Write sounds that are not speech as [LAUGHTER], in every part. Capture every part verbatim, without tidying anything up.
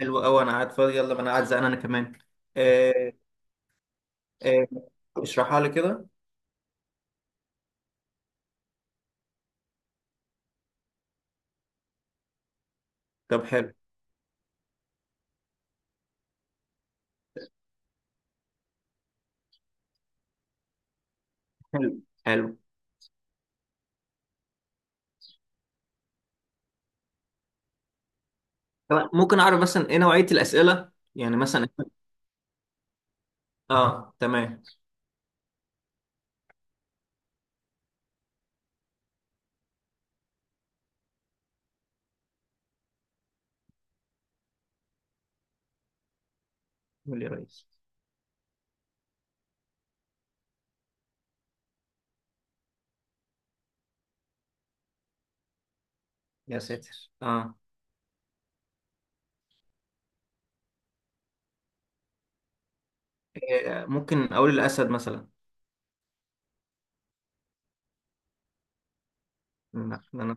حلو قوي، انا قاعد فاضي. يلا، ما انا قاعد زهقان انا كمان. آه، آه، اشرحها لي كده. طب حلو حلو حلو. طب ممكن اعرف مثلا ايه نوعية الأسئلة؟ يعني مثلا. اه تمام. قول يا ريس. يا ساتر اه. آه، ممكن اقول الاسد مثلا. لا انا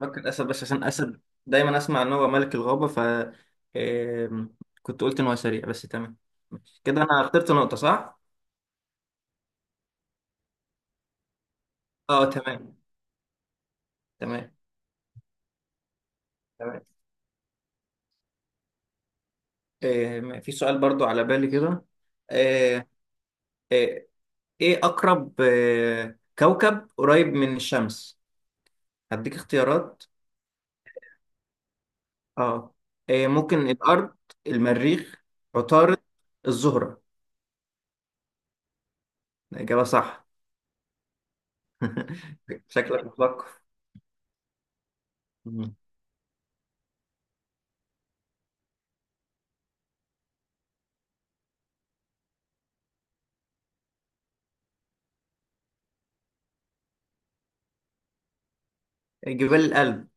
فاكر الاسد بس عشان اسد دايما اسمع ان هو ملك الغابة ف آه، كنت قلت ان هو سريع بس. تمام كده، انا اخترت نقطة صح. اه تمام. تمام تمام. آه، في سؤال برضو على بالي كده. آه، إيه. إيه أقرب آه، كوكب قريب من الشمس. هديك اختيارات. اه. إيه، ممكن الأرض؟ المريخ؟ عطارد؟ الزهرة؟ الإجابة صح. [LAUGHS] شكلك مثقف. مم. جبال الألب.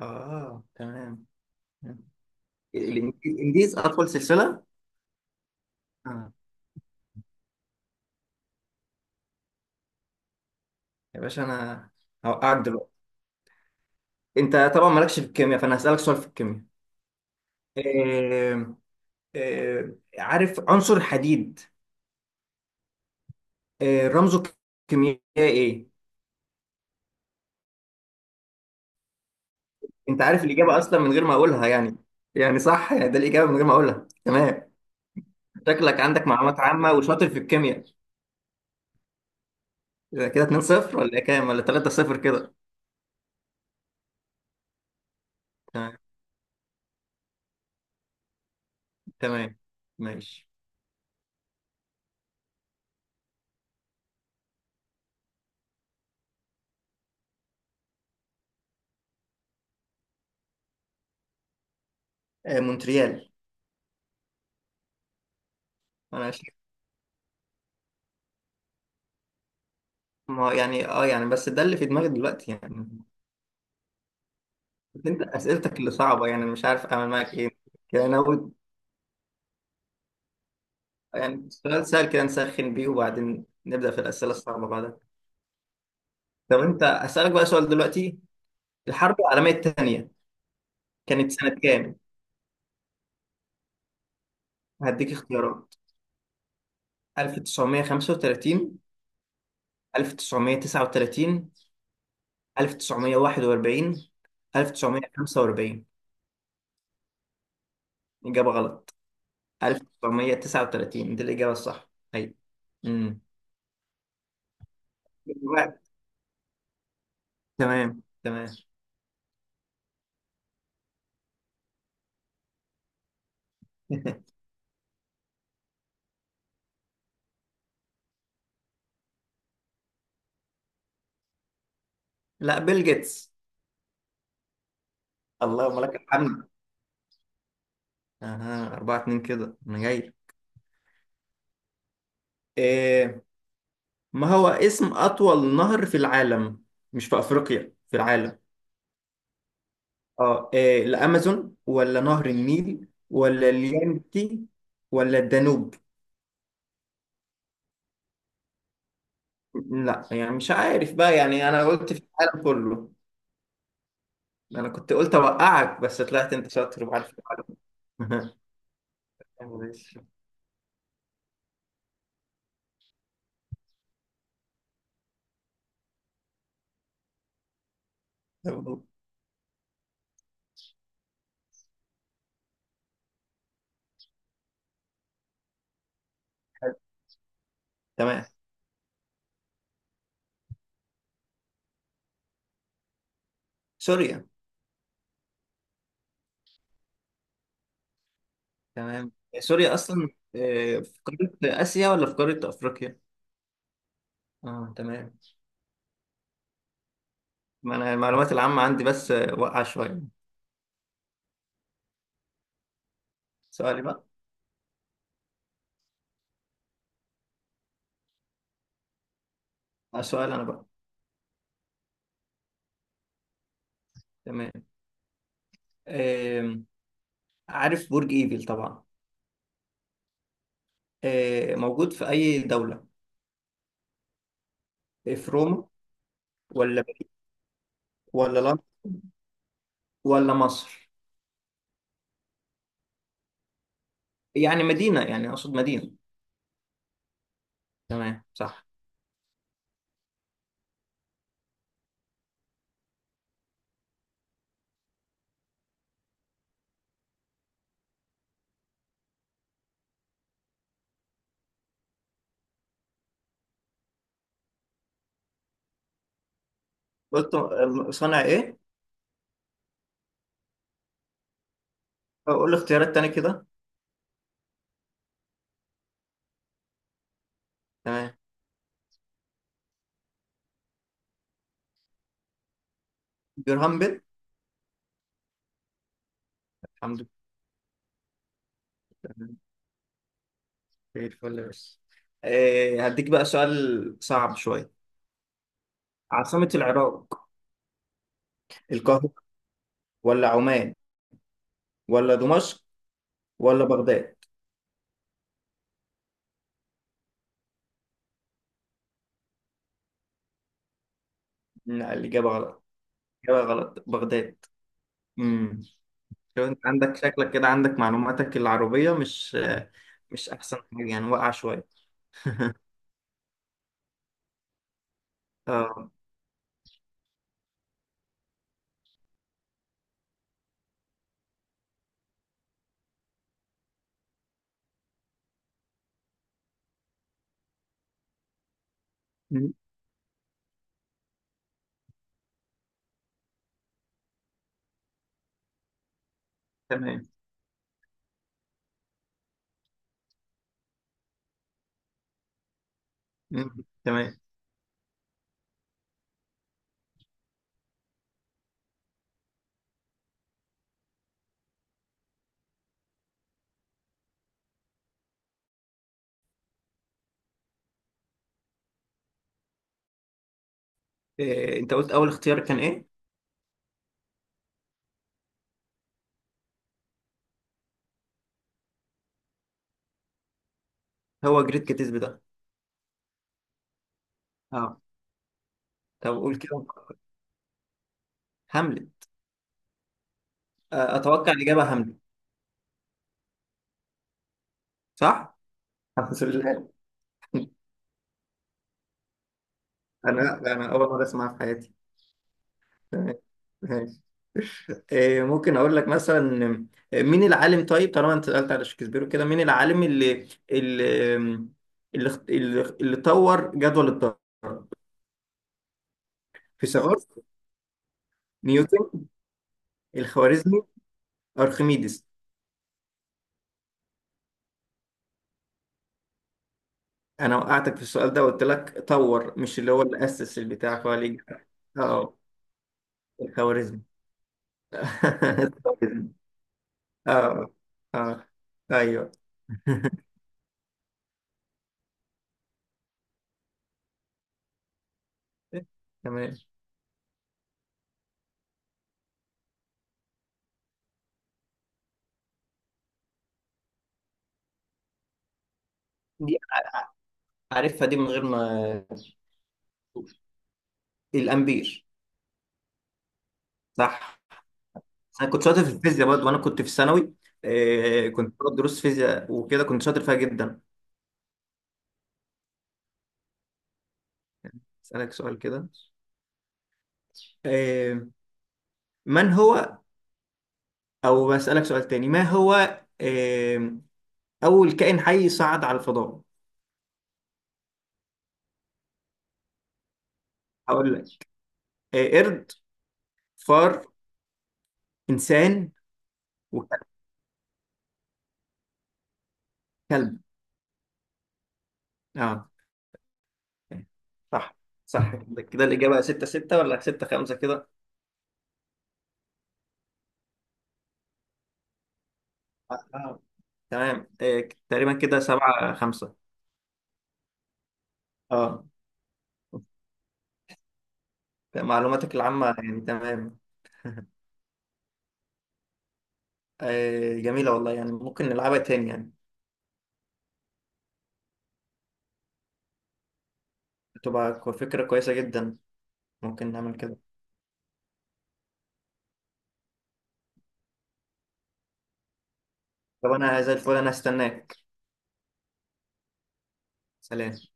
اه تمام. الإنج- الإنجليز أطول سلسلة. آه. يا باشا أنا هوقعك دلوقتي. أنت طبعا مالكش في الكيمياء، فأنا هسألك سؤال في الكيمياء. إيه. إيه عارف عنصر الحديد؟ آه، رمزه الكيميائي ايه؟ انت عارف الاجابه اصلا من غير ما اقولها يعني. يعني صح، يعني ده الاجابه من غير ما اقولها، تمام. شكلك عندك معلومات عامه وشاطر في الكيمياء. إذا كده اتنين صفر ولا إيه كام ولا تلاتة صفر كده. تمام تمام ماشي. آه، مونتريال. انا شايف. ما هو يعني اه يعني بس ده اللي في دماغي دلوقتي يعني. بس انت اسئلتك اللي صعبه يعني، أنا مش عارف اعمل معاك ايه. كده ناخد يعني سؤال سهل كده نسخن بيه وبعدين نبدا في الاسئله الصعبه بعدها. طب انت اسالك بقى سؤال دلوقتي. الحرب العالميه الثانيه كانت سنة كام؟ هديك اختيارات. ألف وتسعمية وخمسة وتلاتين؟ ألف وتسعمائة وتسعة وثلاثين؟ ألف وتسعمية وواحد وأربعين؟ ألف وتسعمية وخمسة وأربعين؟ إجابة غلط. ألف وتسعمية وتسعة وتلاتين دي الإجابة الصح. أي امم تمام تمام. [LAUGHS] لا، بيل جيتس. اللهم لك الحمد. اها، أربعة اتنين كده انا جاي. إيه. ما هو اسم أطول نهر في العالم؟ مش في أفريقيا، في العالم. اه آه، الامازون ولا نهر النيل ولا اليانتي ولا الدانوب؟ لا يعني مش عارف بقى، يعني انا قلت في العالم كله. انا كنت قلت اوقعك بس طلعت انت شاطر وعارف العالم. [LAUGHS] ماشي. طب- تمام. سوريا. تمام، سوريا اصلا آه، في قاره اسيا ولا في قاره افريقيا؟ اه تمام. ما انا المعلومات العامه عندي بس آه، واقعه شويه. سؤالي بقى. آه، سؤال انا بقى. تمام. آم، عارف برج ايفل طبعا. آه، موجود في أي دولة؟ في روما ولا ولا لندن ولا مصر؟ يعني مدينة، يعني أقصد مدينة. تمام صح. قلت آه، صنع إيه؟ أقول اختيارات تاني كده. تمام. جرهام بيل. الحمد لله. زي الفل. بس آه، هديك بقى سؤال صعب شوية. عاصمة العراق؟ القاهرة ولا عمان ولا دمشق ولا بغداد؟ لا الإجابة غلط. الإجابة غلط، بغداد. مم. شوف انت عندك، شكلك كده عندك معلوماتك العربية مش مش أحسن حاجة يعني، واقعة شوية. آه. مم. تمام. مم. تمام. إيه. أنت قلت أول اختيار كان إيه؟ هو جريت كاتيزب ده؟ أه. طب قول كده. هاملت. آه. أتوقع الإجابة هاملت. صح؟ الحمد لله. أنا أنا أول مرة أسمعها في حياتي. تمام. ماشي. إيه. ممكن أقول لك مثلا آه، مين العالم؟ طيب طالما أنت سألت على شكسبير وكده، مين العالم اللي اللي اللي, اللي, اللي طور جدول الضرب؟ فيثاغورس؟ نيوتن؟ الخوارزمي؟ ارخميدس؟ انا وقعتك في السؤال ده وقلت لك طور، مش اللي هو اللي اسس البتاع فليج. اه. الخوارزمي. [LAUGHS] اه. اه. ايوه. [LAUGHS] تمام. دي عارفها دي من غير ما. الامبير. صح. انا كنت شاطر في الفيزياء برضه وانا كنت في الثانوي. آه، كنت باخد دروس فيزياء وكده كنت شاطر فيها جدا. اسالك سؤال كده. آه. من هو؟ او بسالك سؤال تاني. ما هو آه أول كائن حي صعد على الفضاء؟ هقول لك. آه، قرد. فار. إنسان. وكلب. اه. صح. صح كده. كده الإجابة ستة ستة ولا ستة خمسة كده. آه. آه، تمام. آه، تقريبا كده سبعة خمسة. اه، معلوماتك العامة يعني تمام. [LAUGHS] آه، جميلة والله، يعني ممكن نلعبها تاني يعني. تبقى كو- فكرة كويسة جدا. ممكن نعمل كده. طب أنا زي الفل، أنا هستناك. سلام.